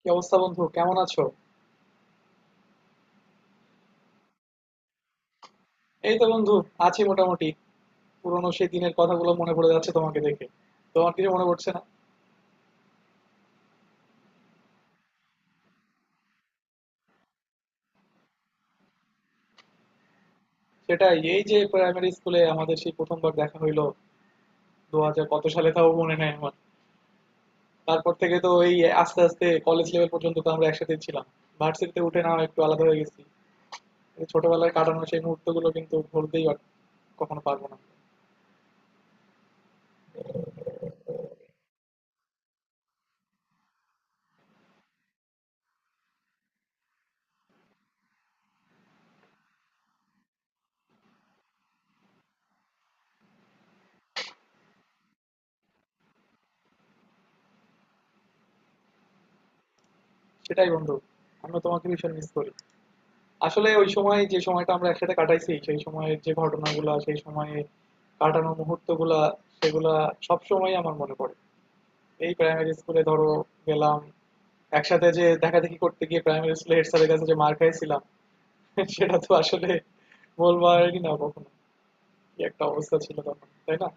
কি অবস্থা বন্ধু কেমন আছো? এই তো বন্ধু, আছি মোটামুটি। পুরোনো সেই দিনের কথাগুলো মনে পড়ে যাচ্ছে তোমাকে দেখে। তোমার কিছু মনে পড়ছে না? সেটাই, এই যে প্রাইমারি স্কুলে আমাদের সেই প্রথমবার দেখা হইলো, দু হাজার কত সালে তাও মনে নাই আমার। তারপর থেকে তো এই আস্তে আস্তে কলেজ লেভেল পর্যন্ত তো আমরা একসাথে ছিলাম। ভার্সিটিতে উঠে না হয় একটু আলাদা হয়ে গেছি। এই ছোটবেলায় কাটানো সেই মুহূর্তগুলো কিন্তু কখনো পারবো না। সেটাই বন্ধু, আমি তোমাকে ভীষণ মিস করি। আসলে ওই সময় যে সময়টা আমরা একসাথে কাটাইছি, সেই সময়ের যে ঘটনাগুলা, সেই সময়ে কাটানো মুহূর্তগুলা, সেগুলা সব সময় আমার মনে পড়ে। এই প্রাইমারি স্কুলে ধরো গেলাম, একসাথে যে দেখাদেখি করতে গিয়ে প্রাইমারি স্কুলে হেড স্যারের কাছে যে মার খাইছিলাম সেটা তো আসলে বলবারই না কখনো। কি একটা অবস্থা ছিল তখন, তাই না?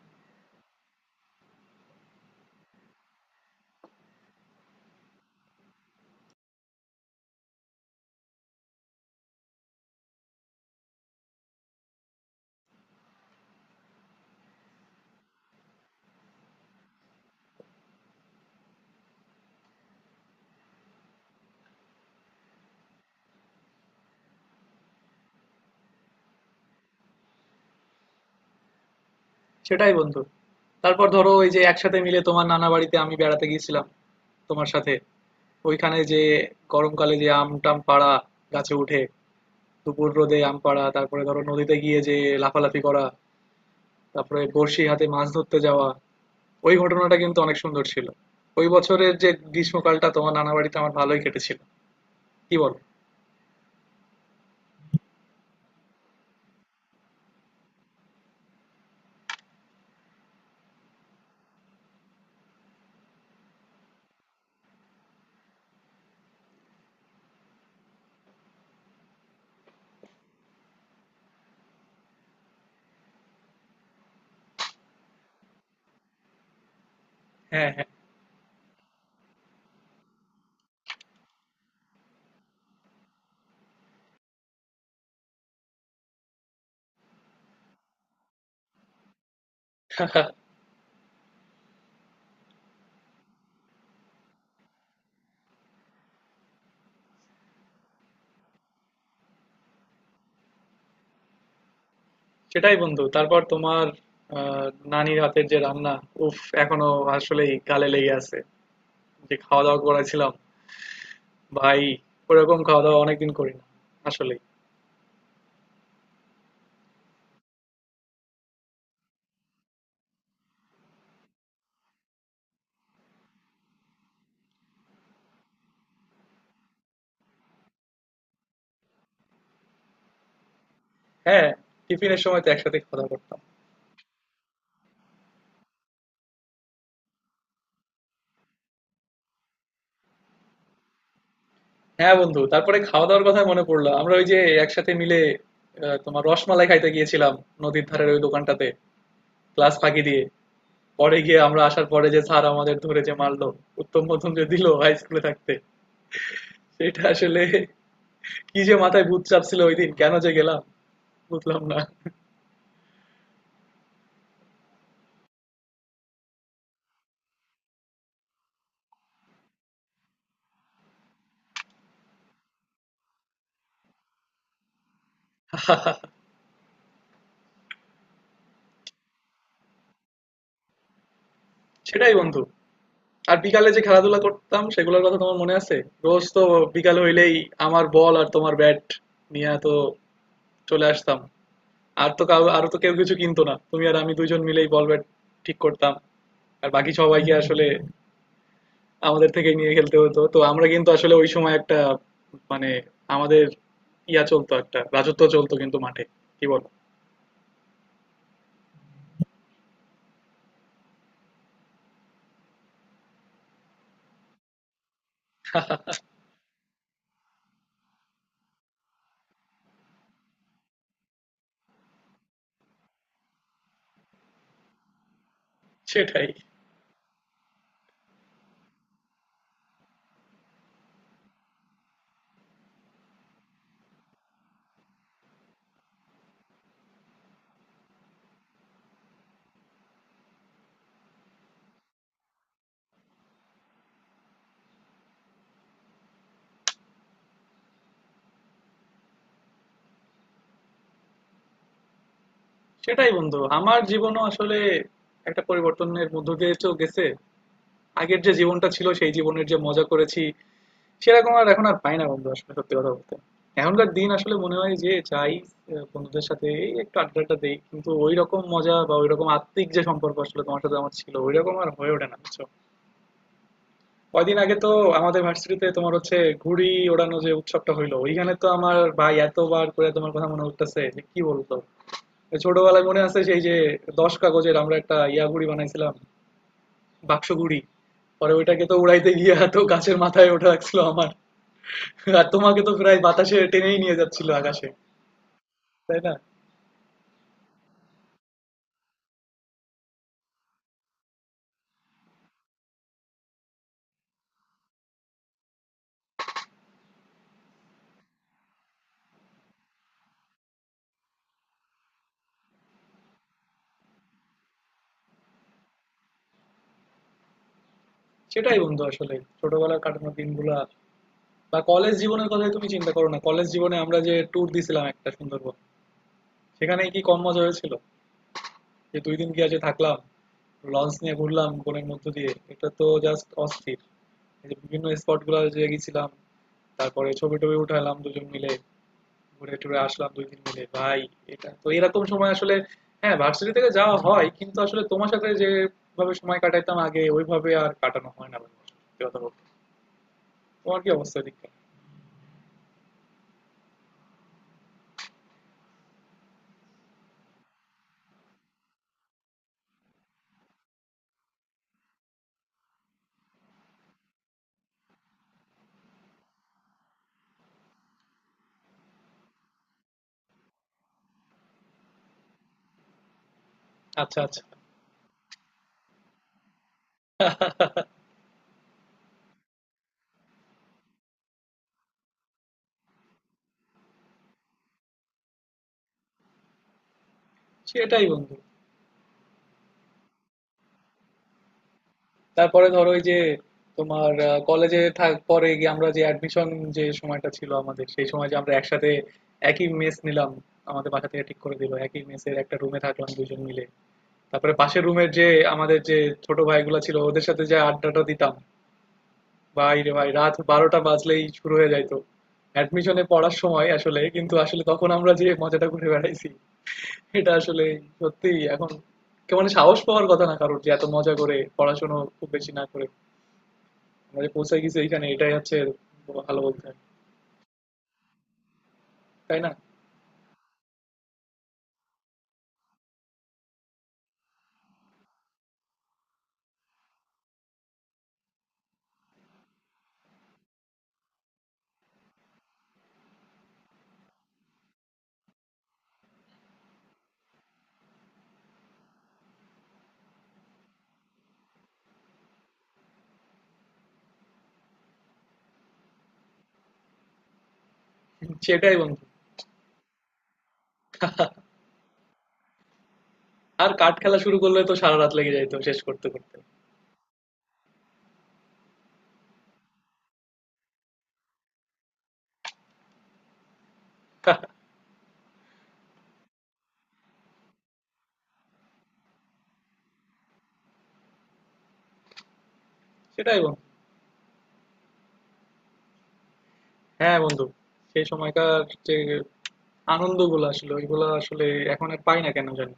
সেটাই বন্ধু। তারপর ধরো ওই যে একসাথে মিলে তোমার নানা বাড়িতে আমি বেড়াতে গিয়েছিলাম তোমার সাথে। ওইখানে যে গরমকালে যে আম টাম পাড়া, গাছে উঠে দুপুর রোদে আম পাড়া, তারপরে ধরো নদীতে গিয়ে যে লাফালাফি করা, তারপরে বড়শি হাতে মাছ ধরতে যাওয়া, ওই ঘটনাটা কিন্তু অনেক সুন্দর ছিল। ওই বছরের যে গ্রীষ্মকালটা তোমার নানা বাড়িতে আমার ভালোই কেটেছিল। কি বলো? হ্যাঁ, হ্যাঁ। সেটাই বন্ধু। তারপর তোমার আহ, নানির হাতের যে রান্না, উফ, এখনো আসলেই গালে লেগে আছে। যে খাওয়া দাওয়া করেছিলাম, ভাই, ওরকম খাওয়া দাওয়া অনেকদিন করি না। আসলেই। হ্যাঁ, টিফিনের সময় তো একসাথে খাওয়া দাওয়া করতাম। হ্যাঁ বন্ধু, তারপরে খাওয়া দাওয়ার কথা মনে পড়লো, আমরা ওই যে একসাথে মিলে আহ, তোমার রসমালাই খাইতে গিয়েছিলাম নদীর ধারের ওই দোকানটাতে, ক্লাস ফাঁকি দিয়ে। পরে গিয়ে আমরা আসার পরে যে স্যার আমাদের ধরে যে মারলো, উত্তম মধ্যম যে দিল হাই স্কুলে থাকতে, সেটা আসলে কি যে মাথায় ভূত চাপছিল ওই দিন, কেন যে গেলাম বুঝলাম না। সেটাই বন্ধু, আর বিকালে যে খেলাধুলা করতাম সেগুলোর কথা তোমার মনে আছে? রোজ তো বিকাল হইলেই আমার বল আর তোমার ব্যাট নিয়ে তো চলে আসতাম। আর তো কেউ কিছু কিনতো না। তুমি আর আমি দুইজন মিলেই বল ব্যাট ঠিক করতাম। আর বাকি সবাইকে আসলে আমাদের থেকেই নিয়ে খেলতে হতো। তো আমরা কিন্তু আসলে ওই সময় একটা মানে আমাদের ইয়া চলতো, একটা রাজত্ব চলতো কিন্তু মাঠে। কি বলো? সেটাই। সেটাই বন্ধু। আমার জীবনও আসলে একটা পরিবর্তনের মধ্য দিয়ে তো গেছে। আগের যে জীবনটা ছিল, সেই জীবনের যে মজা করেছি সেরকম আর এখন আর পাই না বন্ধু, আসলে সত্যি কথা বলতে। এখনকার দিন আসলে মনে হয় যে চাই আহ, বন্ধুদের সাথে এই একটু আড্ডাটা দেই, কিন্তু ওই রকম মজা বা ওই রকম আত্মিক যে সম্পর্ক আসলে তোমার সাথে আমার ছিল ওই রকম আর হয়ে ওঠে না, বুঝছো? কয়দিন আগে তো আমাদের ভার্সিটিতে তোমার হচ্ছে ঘুড়ি ওড়ানো যে উৎসবটা হইলো, ওইখানে তো আমার ভাই এতবার করে তোমার কথা মনে উঠতেছে যে কি বলতো। ওই ছোটবেলায় মনে আছে সেই যে 10 কাগজের আমরা একটা ইয়া ঘুড়ি বানাইছিলাম, বাক্স ঘুড়ি। পরে ওইটাকে তো উড়াইতে গিয়ে তো গাছের মাথায় ওঠা লাগছিল আমার। আর তোমাকে তো প্রায় বাতাসে টেনেই নিয়ে যাচ্ছিল আকাশে, তাই না? সেটাই বন্ধু, আসলে ছোটবেলার কাটানো দিনগুলা বা কলেজ জীবনের কথাই তুমি চিন্তা করো না, কলেজ জীবনে আমরা যে ট্যুর দিছিলাম একটা সুন্দরবন, সেখানে কি কম মজা হয়েছিল? যে 2 দিন গিয়ে যে থাকলাম, লঞ্চ নিয়ে ঘুরলাম বনের মধ্য দিয়ে, এটা তো জাস্ট অস্থির। এই যে বিভিন্ন স্পট গুলো যে গেছিলাম, তারপরে ছবি টবি উঠালাম দুজন মিলে, ঘুরে টুরে আসলাম 2 দিন মিলে ভাই, এটা তো এরকম সময় আসলে। হ্যাঁ ভার্সিটি থেকে যাওয়া হয় কিন্তু আসলে তোমার সাথে যেভাবে সময় কাটাইতাম আগে ওইভাবে আর কাটানো হয় না ভাই, সত্যি কথা বলতে। তোমার কি অবস্থা এদিককার? আচ্ছা, আচ্ছা। সেটাই বন্ধু, তারপরে ধরো ওই যে তোমার কলেজে থাক, পরে গিয়ে আমরা যে অ্যাডমিশন, যে সময়টা ছিল আমাদের, সেই সময় যে আমরা একসাথে একই মেস নিলাম, আমাদের বাসা থেকে ঠিক করে দিল, একই মেসের একটা রুমে থাকলাম দুজন মিলে। তারপরে পাশের রুমের যে আমাদের যে ছোট ভাইগুলো ছিল ওদের সাথে যে আড্ডাটা দিতাম, ভাই রে ভাই, রাত 12টা বাজলেই শুরু হয়ে যাইতো। অ্যাডমিশনে পড়ার সময় আসলে তখন আমরা যে মজাটা করে বেড়াইছি, এটা আসলে সত্যি এখন কেমন সাহস পাওয়ার কথা না কারোর, যে এত মজা করে পড়াশোনা খুব বেশি না করে আমরা যে পৌঁছে গেছি এইখানে, এটাই হচ্ছে ভালো বলতে হয়, তাই না? সেটাই বন্ধু, আর কাঠ খেলা শুরু করলে তো সারা রাত লেগে যাইতো শেষ করতে করতে। সেটাই বন্ধু। হ্যাঁ বন্ধু, সেই সময়কার যে আনন্দগুলো, আসলে ওইগুলো আসলে এখন আর পাই না কেন জানি।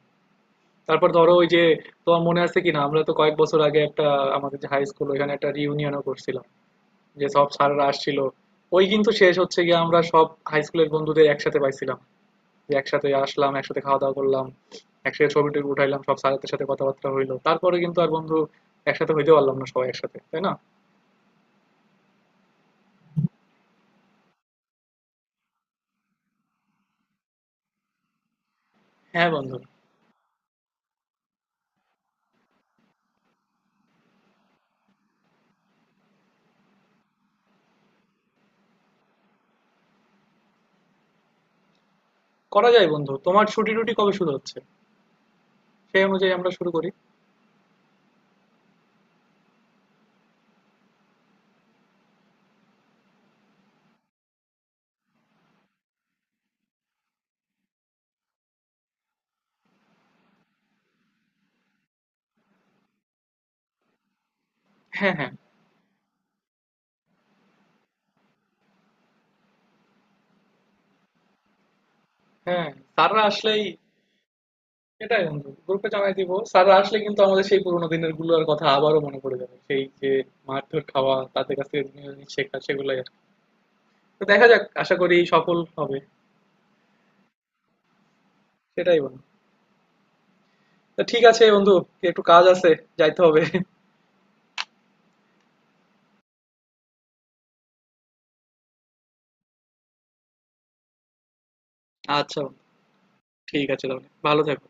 তারপর ধরো ওই যে তোমার মনে আছে কিনা, আমরা তো কয়েক বছর আগে একটা আমাদের যে হাই স্কুল ওইখানে একটা রিউনিয়নও করছিলাম, যে সব স্যাররা আসছিল, ওই কিন্তু শেষ হচ্ছে গিয়ে আমরা সব হাই স্কুলের বন্ধুদের একসাথে পাইছিলাম, যে একসাথে আসলাম, একসাথে খাওয়া দাওয়া করলাম, একসাথে ছবি টবি উঠাইলাম, সব স্যারদের সাথে কথাবার্তা হইলো। তারপরে কিন্তু আর বন্ধু একসাথে হইতে পারলাম না সবাই একসাথে, তাই না? হ্যাঁ বন্ধু, করা যায় বন্ধু, তোমার ছুটি টুটি কবে শুরু হচ্ছে? সেই অনুযায়ী আমরা শুরু করি। হ্যাঁ হ্যাঁ। হ্যাঁ, স্যাররা আসলেই, এটাই বন্ধু গ্রুপে জানাই দিব, স্যাররা আসলে কিন্তু আমাদের সেই পুরোনো দিনের গুলোর কথা আবারও মনে পড়ে যাবে, সেই যে মারধর খাওয়া, তাদের কাছ থেকে জিনিস জিনিস শেখা, সেগুলাই আর কি। তো দেখা যাক, আশা করি সফল হবে। সেটাই বন্ধু। তো ঠিক আছে বন্ধু, একটু কাজ আছে, যাইতে হবে। আচ্ছা বন্ধু, ঠিক আছে, তাহলে ভালো থাকো।